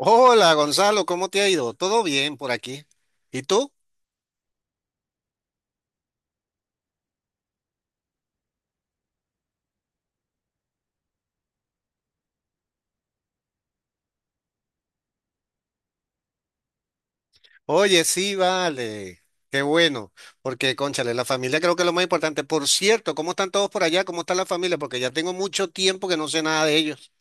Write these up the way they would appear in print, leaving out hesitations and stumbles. Hola Gonzalo, ¿cómo te ha ido? ¿Todo bien por aquí? ¿Y tú? Oye, sí, vale. Qué bueno, porque cónchale, la familia creo que es lo más importante. Por cierto, ¿cómo están todos por allá? ¿Cómo está la familia? Porque ya tengo mucho tiempo que no sé nada de ellos.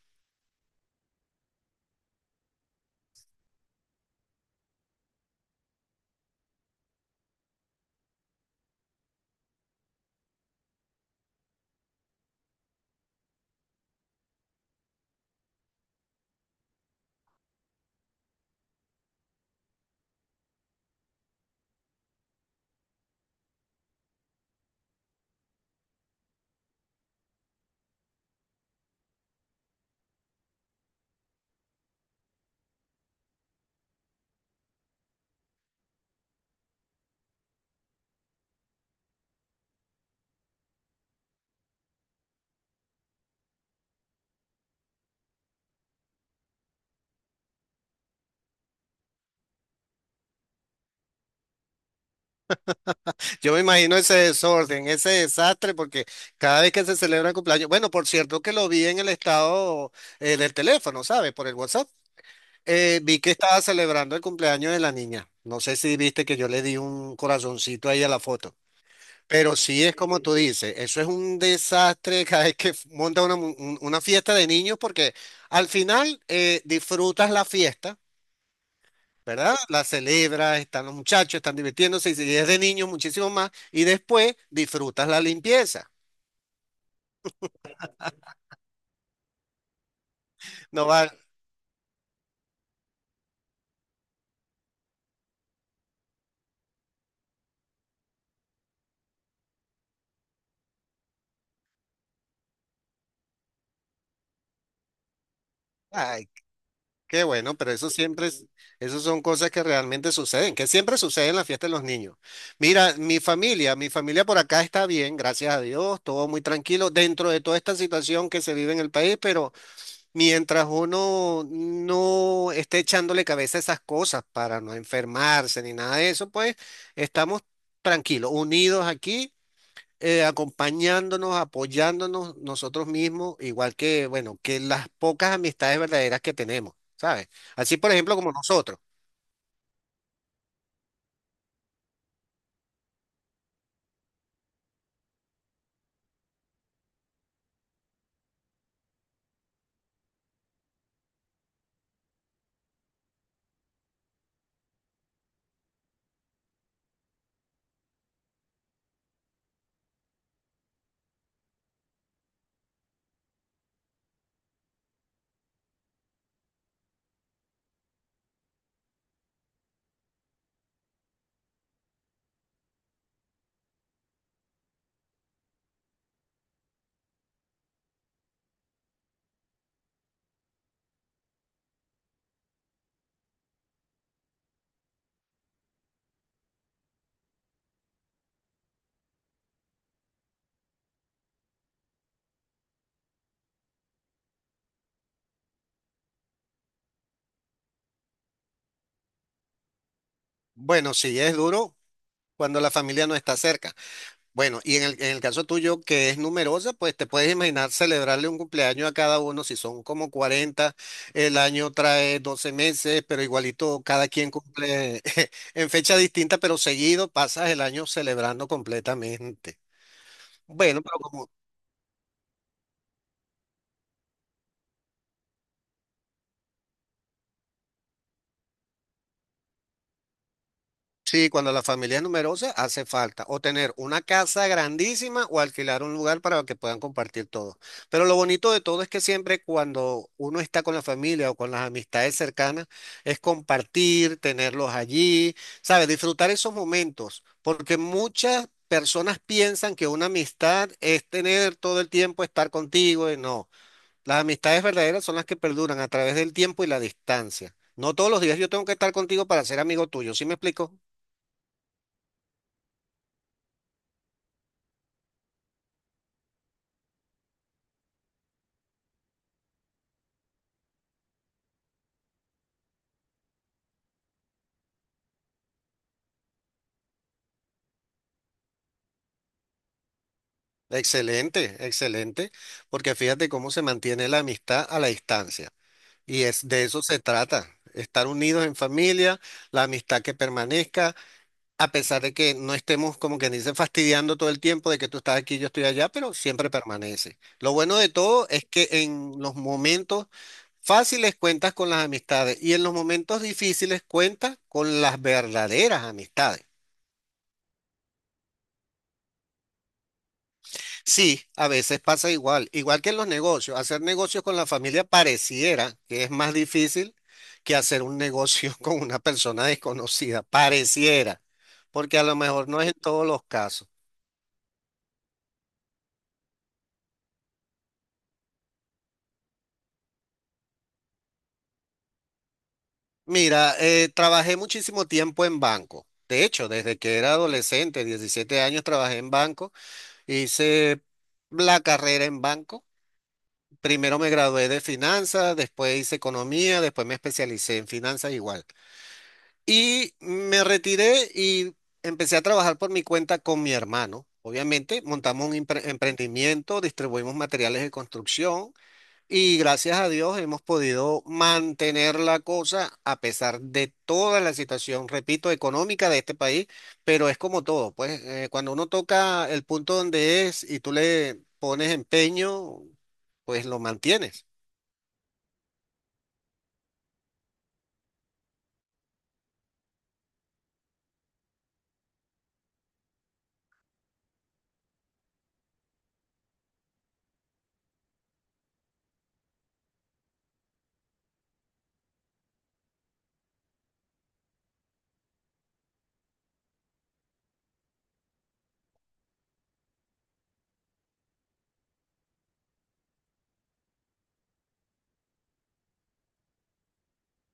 Yo me imagino ese desorden, ese desastre, porque cada vez que se celebra el cumpleaños, bueno, por cierto que lo vi en el estado del teléfono, ¿sabes? Por el WhatsApp. Vi que estaba celebrando el cumpleaños de la niña. No sé si viste que yo le di un corazoncito ahí a la foto. Pero sí es como tú dices, eso es un desastre cada vez que monta una fiesta de niños porque al final disfrutas la fiesta, ¿verdad? La celebras, están los muchachos, están divirtiéndose y si es de niños muchísimo más y después disfrutas la limpieza. No va, ay, qué bueno, pero eso siempre es, eso son cosas que realmente suceden, que siempre suceden en la fiesta de los niños. Mira, mi familia por acá está bien, gracias a Dios, todo muy tranquilo dentro de toda esta situación que se vive en el país, pero... Mientras uno no esté echándole cabeza a esas cosas para no enfermarse ni nada de eso, pues estamos tranquilos, unidos aquí, acompañándonos, apoyándonos nosotros mismos, igual que, bueno, que las pocas amistades verdaderas que tenemos, ¿sabes? Así, por ejemplo, como nosotros. Bueno, sí, es duro cuando la familia no está cerca. Bueno, y en el caso tuyo, que es numerosa, pues te puedes imaginar celebrarle un cumpleaños a cada uno. Si son como 40. El año trae 12 meses, pero igualito cada quien cumple en fecha distinta, pero seguido pasas el año celebrando completamente. Bueno, pero como, Sí, cuando la familia es numerosa, hace falta o tener una casa grandísima o alquilar un lugar para que puedan compartir todo. Pero lo bonito de todo es que siempre cuando uno está con la familia o con las amistades cercanas, es compartir, tenerlos allí, ¿sabes? Disfrutar esos momentos, porque muchas personas piensan que una amistad es tener todo el tiempo estar contigo y no. Las amistades verdaderas son las que perduran a través del tiempo y la distancia. No todos los días yo tengo que estar contigo para ser amigo tuyo, ¿sí me explico? Excelente, excelente, porque fíjate cómo se mantiene la amistad a la distancia. Y es de eso se trata, estar unidos en familia, la amistad que permanezca, a pesar de que no estemos como que dice fastidiando todo el tiempo de que tú estás aquí, yo estoy allá, pero siempre permanece. Lo bueno de todo es que en los momentos fáciles cuentas con las amistades y en los momentos difíciles cuentas con las verdaderas amistades. Sí, a veces pasa igual, igual que en los negocios. Hacer negocios con la familia pareciera que es más difícil que hacer un negocio con una persona desconocida, pareciera, porque a lo mejor no es en todos los casos. Mira, trabajé muchísimo tiempo en banco. De hecho, desde que era adolescente, 17 años, trabajé en banco, hice la carrera en banco. Primero me gradué de finanzas, después hice economía, después me especialicé en finanzas igual. Y me retiré y empecé a trabajar por mi cuenta con mi hermano. Obviamente, montamos un emprendimiento, distribuimos materiales de construcción y gracias a Dios hemos podido mantener la cosa a pesar de toda la situación, repito, económica de este país, pero es como todo, pues cuando uno toca el punto donde es y tú le pones empeño, pues lo mantienes.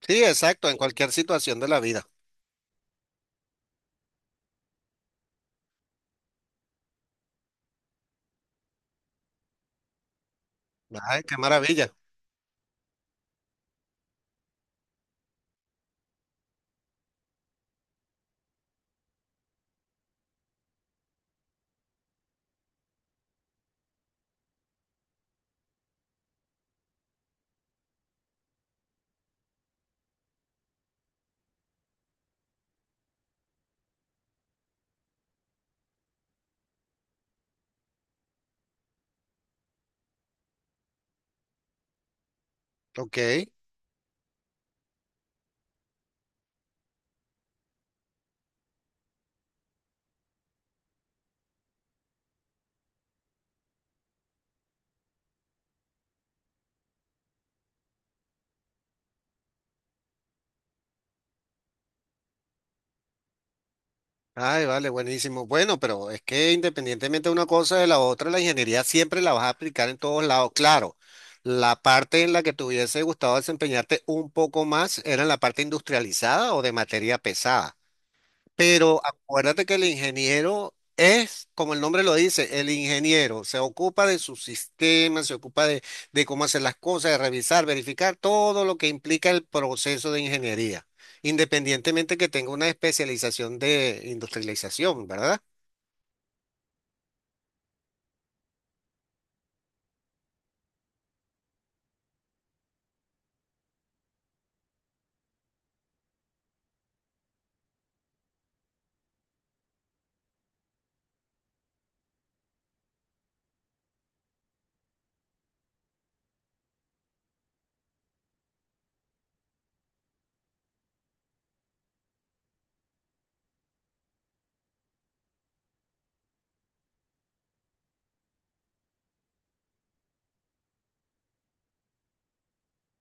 Sí, exacto, en cualquier situación de la vida. Ay, qué maravilla. Ok. Ay, vale, buenísimo. Bueno, pero es que independientemente de una cosa de la otra, la ingeniería siempre la vas a aplicar en todos lados. Claro, la parte en la que te hubiese gustado desempeñarte un poco más era en la parte industrializada o de materia pesada. Pero acuérdate que el ingeniero es, como el nombre lo dice, el ingeniero. Se ocupa de su sistema, se ocupa de cómo hacer las cosas, de revisar, verificar todo lo que implica el proceso de ingeniería, independientemente que tenga una especialización de industrialización, ¿verdad?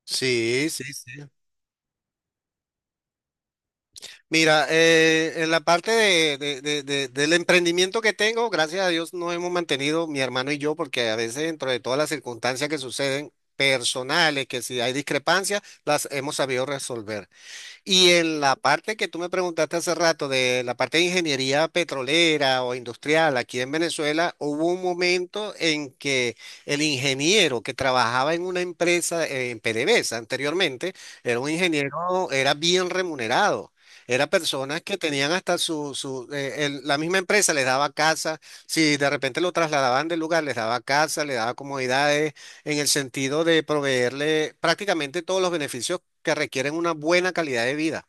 Sí, sí, sí. Mira, en la parte del emprendimiento que tengo, gracias a Dios nos hemos mantenido mi hermano y yo, porque a veces dentro de todas las circunstancias que suceden personales, que si hay discrepancias, las hemos sabido resolver. Y en la parte que tú me preguntaste hace rato, de la parte de ingeniería petrolera o industrial, aquí en Venezuela hubo un momento en que el ingeniero que trabajaba en una empresa, en PDVSA anteriormente, era un ingeniero, era bien remunerado. Era personas que tenían hasta la misma empresa les daba casa, si de repente lo trasladaban del lugar, les daba casa, les daba comodidades en el sentido de proveerle prácticamente todos los beneficios que requieren una buena calidad de vida.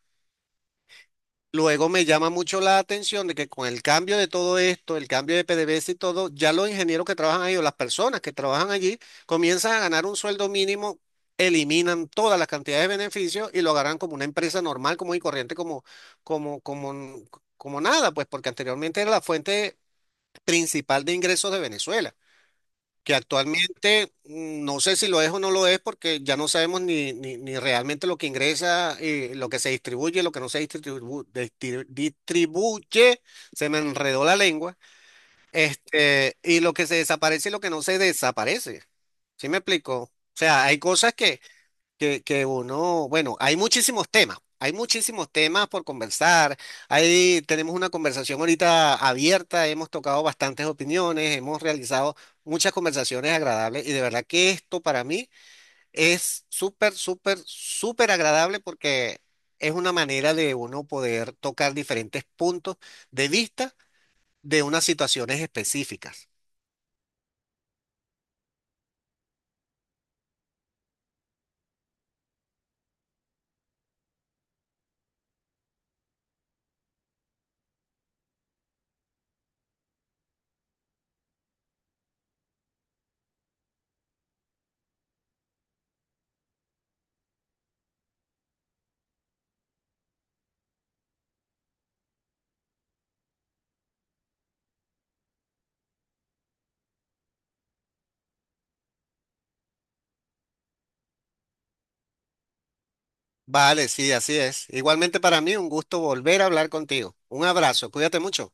Luego me llama mucho la atención de que con el cambio de todo esto, el cambio de PDVSA y todo, ya los ingenieros que trabajan ahí o las personas que trabajan allí comienzan a ganar un sueldo mínimo, eliminan todas las cantidades de beneficios y lo agarran como una empresa normal, como y corriente, como, como, como nada, pues porque anteriormente era la fuente principal de ingresos de Venezuela que actualmente mm, no sé si lo es o no lo es porque ya no sabemos ni realmente lo que ingresa, lo que se distribuye, lo que no se distribuye, se me enredó la lengua, este, y lo que se desaparece y lo que no se desaparece. ¿Sí me explico? O sea, hay cosas que, que uno, bueno, hay muchísimos temas por conversar. Ahí tenemos una conversación ahorita abierta, hemos tocado bastantes opiniones, hemos realizado muchas conversaciones agradables y de verdad que esto para mí es súper, súper, súper agradable porque es una manera de uno poder tocar diferentes puntos de vista de unas situaciones específicas. Vale, sí, así es. Igualmente para mí un gusto volver a hablar contigo. Un abrazo, cuídate mucho.